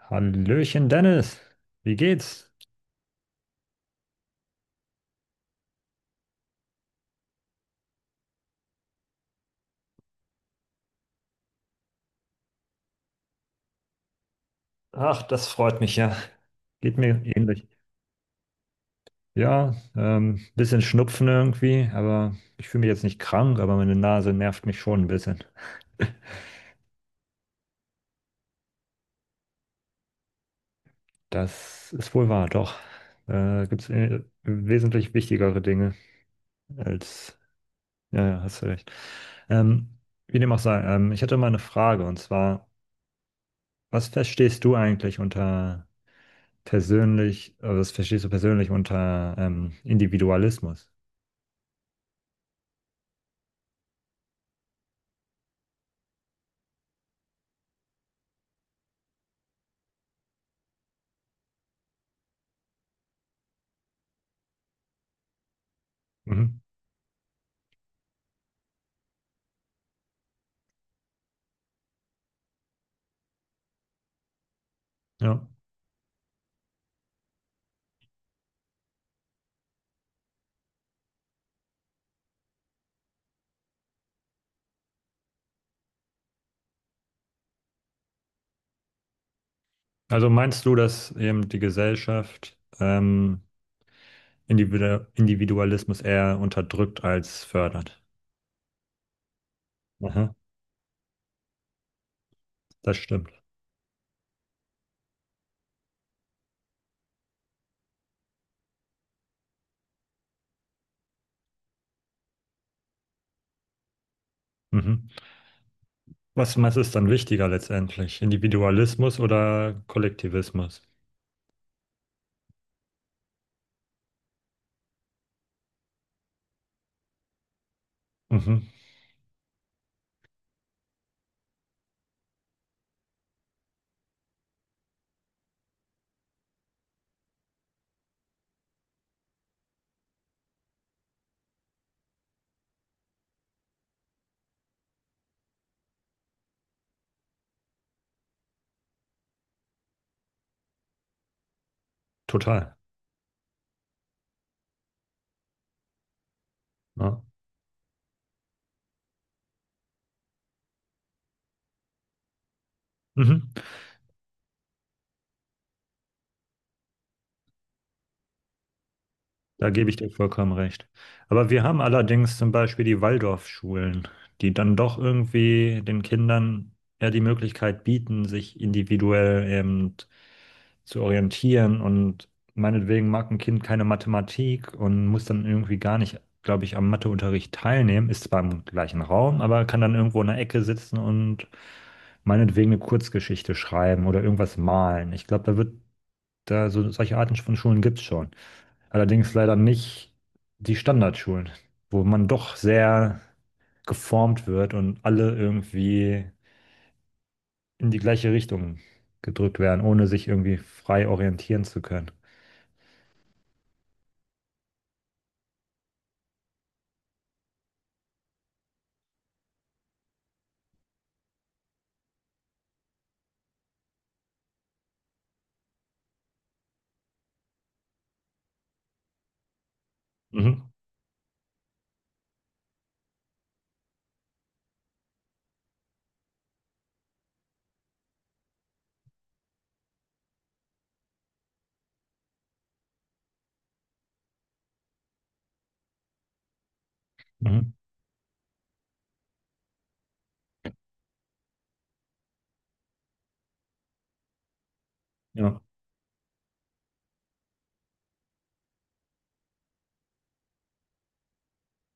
Hallöchen Dennis, wie geht's? Ach, das freut mich ja. Geht mir ähnlich. Ja, bisschen Schnupfen irgendwie, aber ich fühle mich jetzt nicht krank, aber meine Nase nervt mich schon ein bisschen. Das ist wohl wahr, doch. Gibt's wesentlich wichtigere Dinge als. Ja, ja, hast du recht. Ähm, Wie dem auch sei, ich hatte mal eine Frage, und zwar, was verstehst du eigentlich unter persönlich, was verstehst du persönlich unter Individualismus? Mhm. Ja. Also meinst du, dass eben die Gesellschaft Individualismus eher unterdrückt als fördert? Aha, das stimmt. Mhm. Was, was ist dann wichtiger letztendlich? Individualismus oder Kollektivismus? Mhm. Total. Ja. Mhm. Da gebe ich dir vollkommen recht. Aber wir haben allerdings zum Beispiel die Waldorfschulen, die dann doch irgendwie den Kindern eher die Möglichkeit bieten, sich individuell eben zu orientieren. Und meinetwegen mag ein Kind keine Mathematik und muss dann irgendwie gar nicht, glaube ich, am Matheunterricht teilnehmen, ist zwar im gleichen Raum, aber kann dann irgendwo in der Ecke sitzen und meinetwegen eine Kurzgeschichte schreiben oder irgendwas malen. Ich glaube, da wird da, so solche Arten von Schulen gibt es schon. Allerdings leider nicht die Standardschulen, wo man doch sehr geformt wird und alle irgendwie in die gleiche Richtung gedrückt werden, ohne sich irgendwie frei orientieren zu können. Mhm. Mhm. Ja.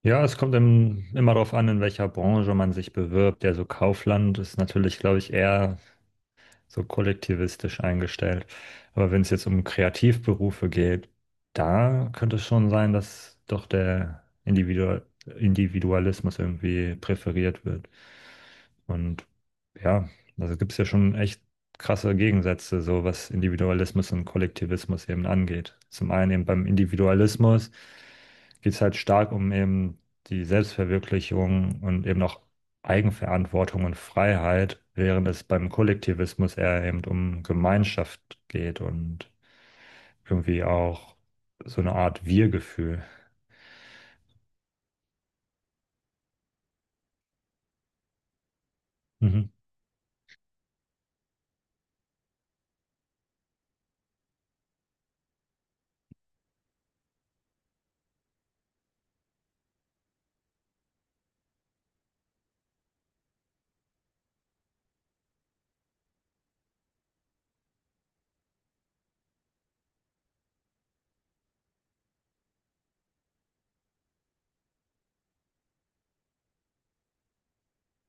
Ja, es kommt immer darauf an, in welcher Branche man sich bewirbt. Also Kaufland ist natürlich, glaube ich, eher so kollektivistisch eingestellt. Aber wenn es jetzt um Kreativberufe geht, da könnte es schon sein, dass doch der Individualismus irgendwie präferiert wird. Und ja, also gibt es ja schon echt krasse Gegensätze, so was Individualismus und Kollektivismus eben angeht. Zum einen eben beim Individualismus geht es halt stark um eben die Selbstverwirklichung und eben auch Eigenverantwortung und Freiheit, während es beim Kollektivismus eher eben um Gemeinschaft geht und irgendwie auch so eine Art Wir-Gefühl. Mhm,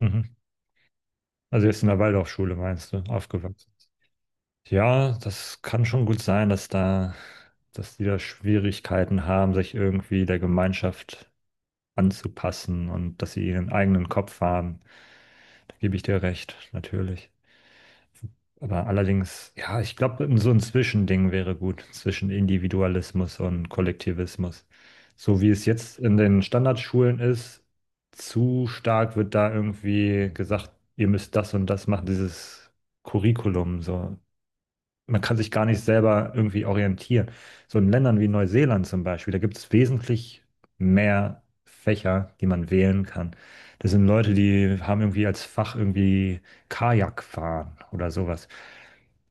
mhm. Also jetzt in der Waldorfschule meinst du, aufgewachsen. Ja, das kann schon gut sein, dass da, dass die da Schwierigkeiten haben, sich irgendwie der Gemeinschaft anzupassen und dass sie ihren eigenen Kopf haben. Da gebe ich dir recht, natürlich. Aber allerdings, ja, ich glaube, so ein Zwischending wäre gut zwischen Individualismus und Kollektivismus. So wie es jetzt in den Standardschulen ist, zu stark wird da irgendwie gesagt, ihr müsst das und das machen, dieses Curriculum. So, man kann sich gar nicht selber irgendwie orientieren. So in Ländern wie Neuseeland zum Beispiel, da gibt es wesentlich mehr Fächer, die man wählen kann. Das sind Leute, die haben irgendwie als Fach irgendwie Kajakfahren oder sowas.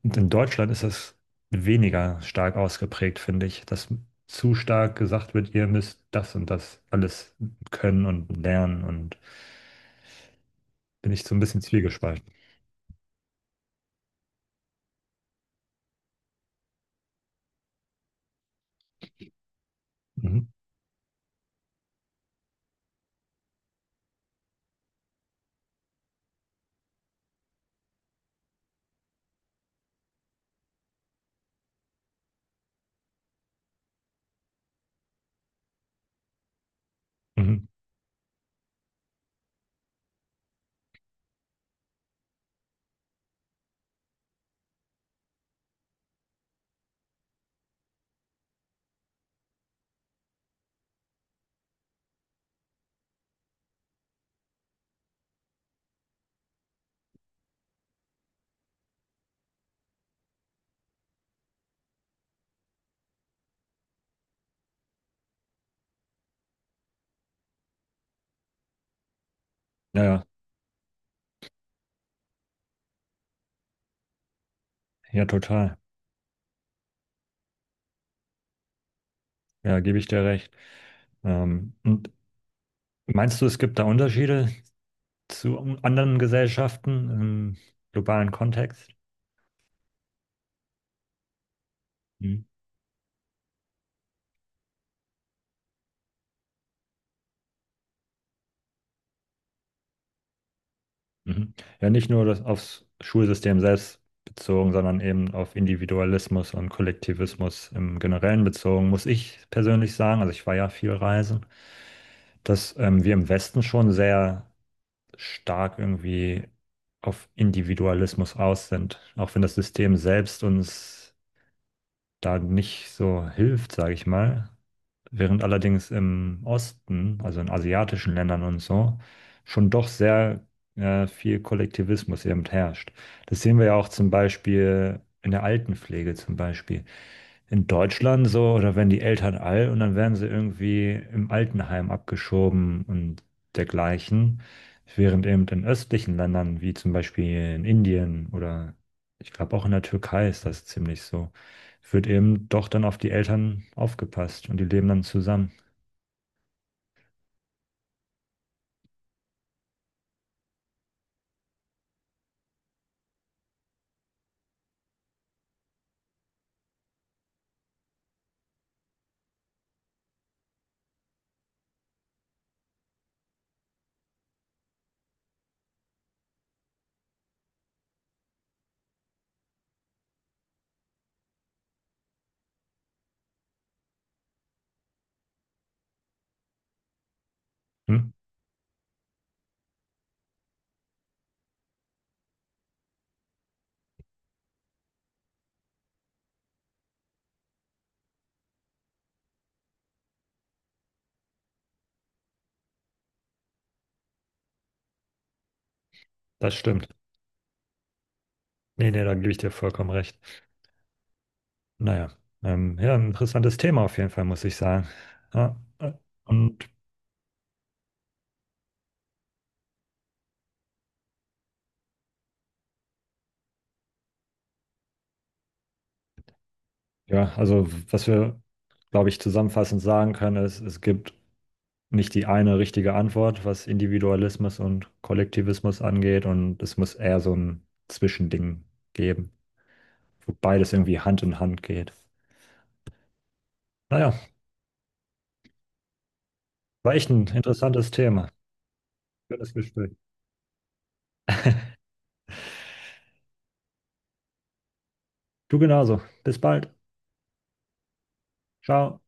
Und in Deutschland ist das weniger stark ausgeprägt, finde ich, dass zu stark gesagt wird, ihr müsst das und das alles können und lernen, und bin ich so ein bisschen zwiegespalten. Mhm. Mhm. Ja, ja, ja, total. Ja, gebe ich dir recht. Und meinst du, es gibt da Unterschiede zu anderen Gesellschaften im globalen Kontext? Mhm. Mhm. Ja, nicht nur das aufs Schulsystem selbst bezogen, sondern eben auf Individualismus und Kollektivismus im Generellen bezogen, muss ich persönlich sagen, also ich war ja viel reisen, dass wir im Westen schon sehr stark irgendwie auf Individualismus aus sind, auch wenn das System selbst uns da nicht so hilft, sage ich mal. Während allerdings im Osten, also in asiatischen Ländern und so, schon doch sehr viel Kollektivismus eben herrscht. Das sehen wir ja auch zum Beispiel in der Altenpflege zum Beispiel. In Deutschland so, oder wenn die Eltern alt, und dann werden sie irgendwie im Altenheim abgeschoben und dergleichen. Während eben in östlichen Ländern, wie zum Beispiel in Indien oder ich glaube auch in der Türkei, ist das ziemlich so, wird eben doch dann auf die Eltern aufgepasst und die leben dann zusammen. Hm? Das stimmt. Nee, nee, da gebe ich dir vollkommen recht. Naja, ja, ein interessantes Thema auf jeden Fall, muss ich sagen. Ja, und ja, also was wir, glaube ich, zusammenfassend sagen können, ist, es gibt nicht die eine richtige Antwort, was Individualismus und Kollektivismus angeht, und es muss eher so ein Zwischending geben, wo beides irgendwie Hand in Hand geht. Naja, war echt ein interessantes Thema. Schönes Gespräch. Du genauso. Bis bald. Ciao.